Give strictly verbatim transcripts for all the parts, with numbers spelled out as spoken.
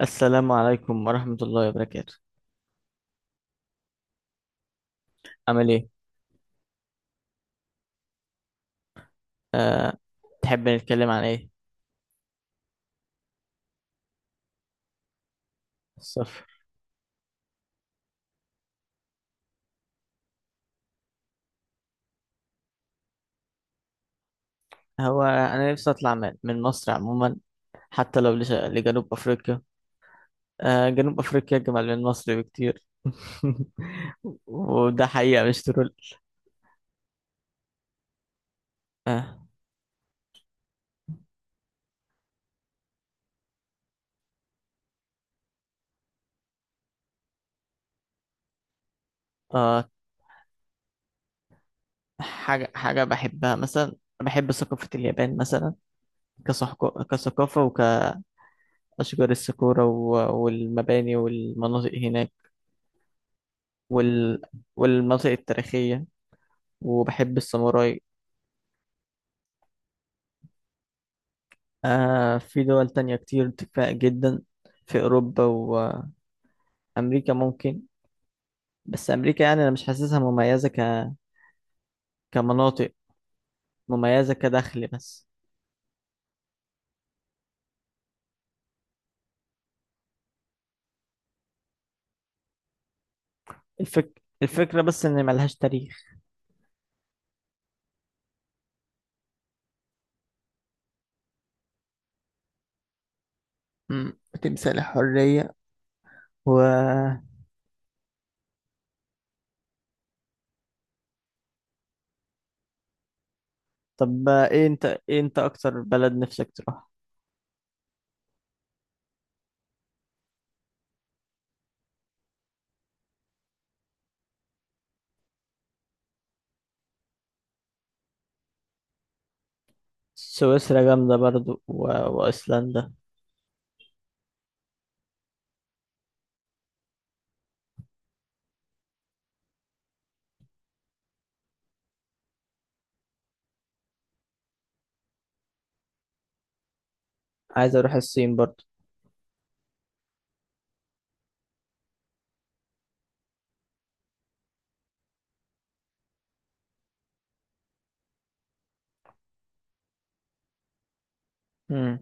السلام عليكم ورحمة الله وبركاته. عامل ايه؟ أه. تحب نتكلم عن ايه؟ السفر. هو أنا نفسي أطلع من من مصر عموما، حتى لو لش- لجنوب أفريقيا. أه جنوب أفريقيا أجمل من مصر بكتير. وده حقيقة مش ترول. أه. أه. حاجة حاجة بحبها مثلا. بحب ثقافة اليابان مثلا، كصحك- كثقافة وكأشجار الساكورا و- والمباني والمناطق هناك، وال... والمناطق التاريخية، وبحب الساموراي. آه في دول تانية كتير دفاع جدا، في أوروبا وأمريكا ممكن. بس أمريكا يعني أنا مش حاسسها مميزة ك... كمناطق مميزة كدخل بس. الفك... الفكرة بس إن ملهاش تاريخ. مم. تمثال الحرية و. طب، إيه أنت إيه أنت أكتر بلد نفسك تروح؟ سويسرا جامدة برضو و... وأيسلندا. عايز أروح الصين برضو. مم.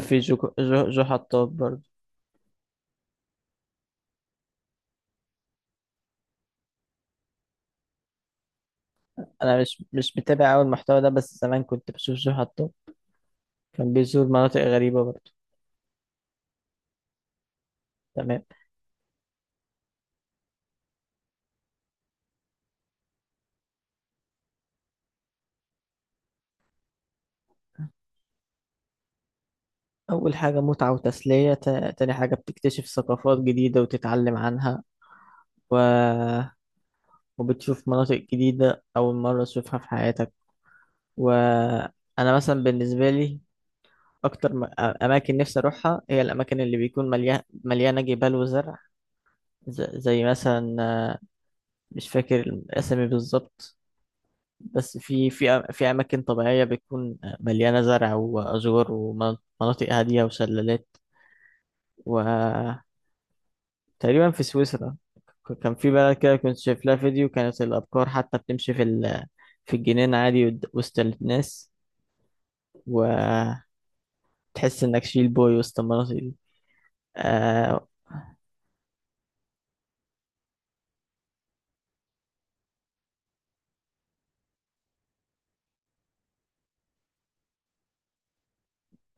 في جو جو, جو حطاب برضو. أنا مش مش متابع أوي المحتوى ده، بس زمان كنت بشوف جو حطاب، كان بيزور مناطق غريبة برضه. تمام. أول حاجة متعة وتسلية، تا- تاني حاجة بتكتشف ثقافات جديدة وتتعلم عنها، و... وبتشوف مناطق جديدة أول مرة تشوفها في حياتك. وأنا مثلا بالنسبة لي، أكتر م... أماكن نفسي أروحها هي الأماكن اللي بيكون مليان... مليانة جبال وزرع، ز... زي مثلا آه، مش فاكر الأسامي بالظبط، بس في في أ- في أماكن طبيعية بتكون مليانة زرع وأزور ومناطق هادية وشلالات و تقريبا في سويسرا، ك- كان في بلد كده كنت شايف لها فيديو، كانت الأبقار حتى بتمشي في ال... في الجنينة عادي ود- وسط الناس، وتحس إنك شيل بوي وسط المناطق دي. آه...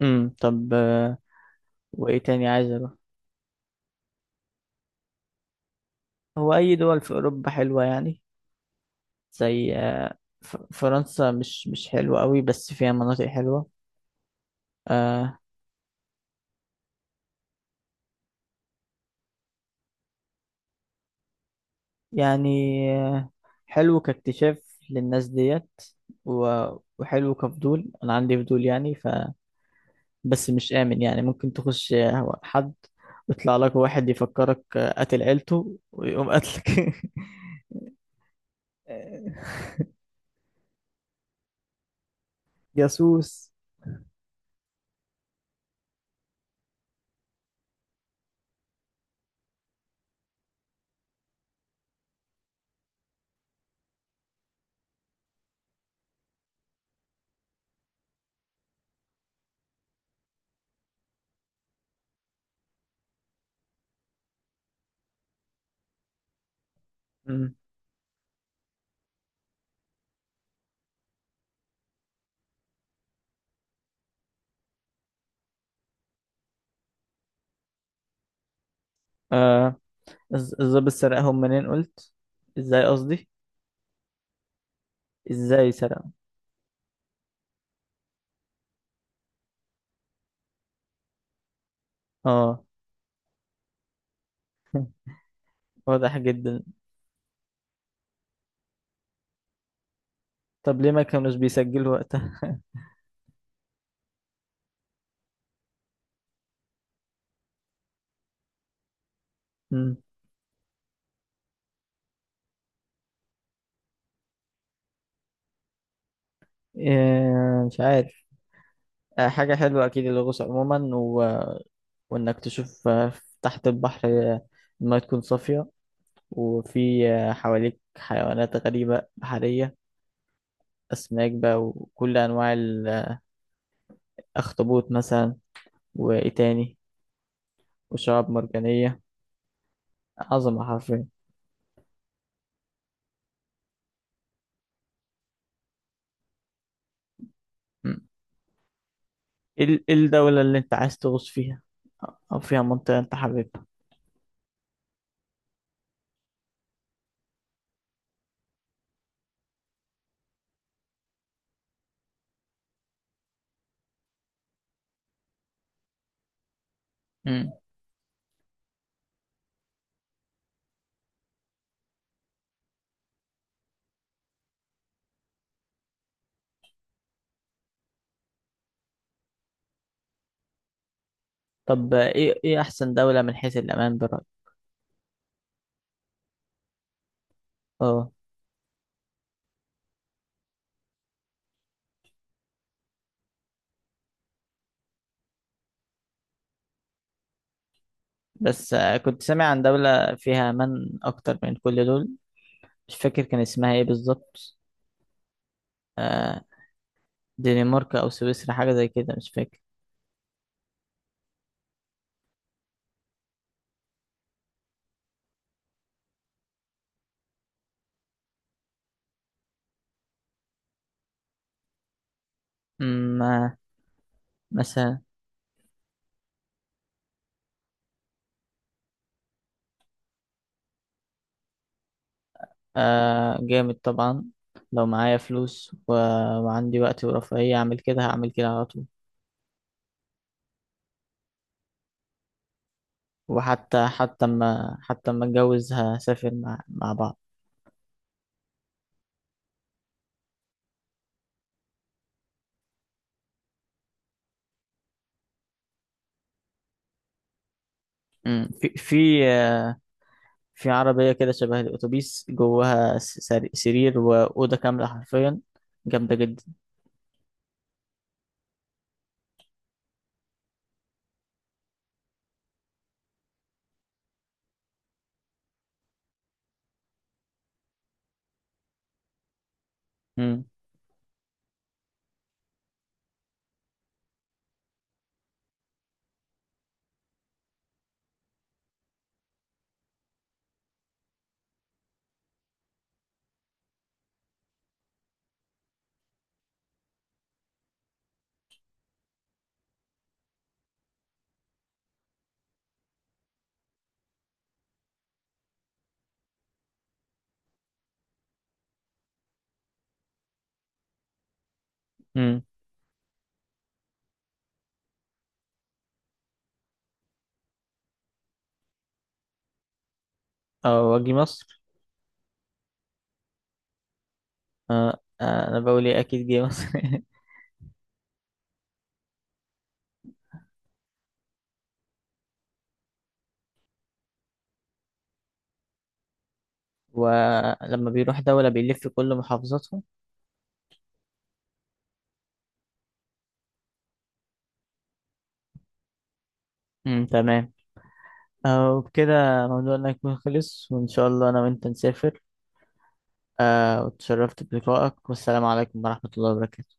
أمم طب، آه، وإيه تاني عايز أروح؟ هو أي دول في أوروبا حلوة يعني؟ زي آه... ف... فرنسا مش مش حلوة قوي بس فيها مناطق حلوة. آه... يعني، آه، حلو كاكتشاف للناس ديت، و... وحلو كفضول، أنا عندي فضول يعني، بس مش آمن يعني، ممكن تخش حد ويطلع لك واحد يفكرك قاتل عيلته ويقوم قاتلك. جاسوس. مم. آه الز- الظابط سرقهم منين قلت؟ ازاي قصدي، ازاي سرقهم؟ اه. واضح جدا. طب ليه ما كانوش بيسجلوا وقتها؟ مم. آه مش عارف. آه حاجة حلوة أكيد، الغوص عموما و... وإنك تشوف، آه، تحت البحر، آه، المايه تكون صافية، وفي حواليك حيوانات غريبة بحرية، أسماك بقى وكل أنواع الأخطبوط مثلا، وإيه تاني، وشعاب مرجانية، عظمة حرفيا. م. إيه ال- إيه الدولة اللي أنت عايز تغوص فيها، أو فيها منطقة أنت حاببها؟ م. طب إيه إيه أحسن دولة من حيث الأمان برأيك؟ أه. بس آه، كنت سامع عن دولة فيها أمان أكتر من كل دول، مش فاكر كان اسمها إيه بالظبط، آه، دنمارك أو سويسرا حاجة زي كده مش فاكر. م، آه، مثلا. آه جامد طبعا، لو معايا فلوس و... وعندي وقت ورفاهية أعمل كده هعمل كده على طول. وحتى حتى ما حتى ما أتجوز هسافر مع مع بعض. مم. في في آه، في عربية كده شبه الأتوبيس جواها س- سر- سرير وأوضة كاملة حرفيا، جامدة جدا. مم. مم. أه، وأجي مصر. أه، آه، أنا بقول إيه، أكيد جه مصر. ولما بيروح دولة بيلف كل محافظاتهم. مم. تمام. آه، وبكده موضوعنا يكون خلص، وإن شاء الله أنا وأنت نسافر. آه، وتشرفت بلقائك، والسلام عليكم ورحمة الله وبركاته.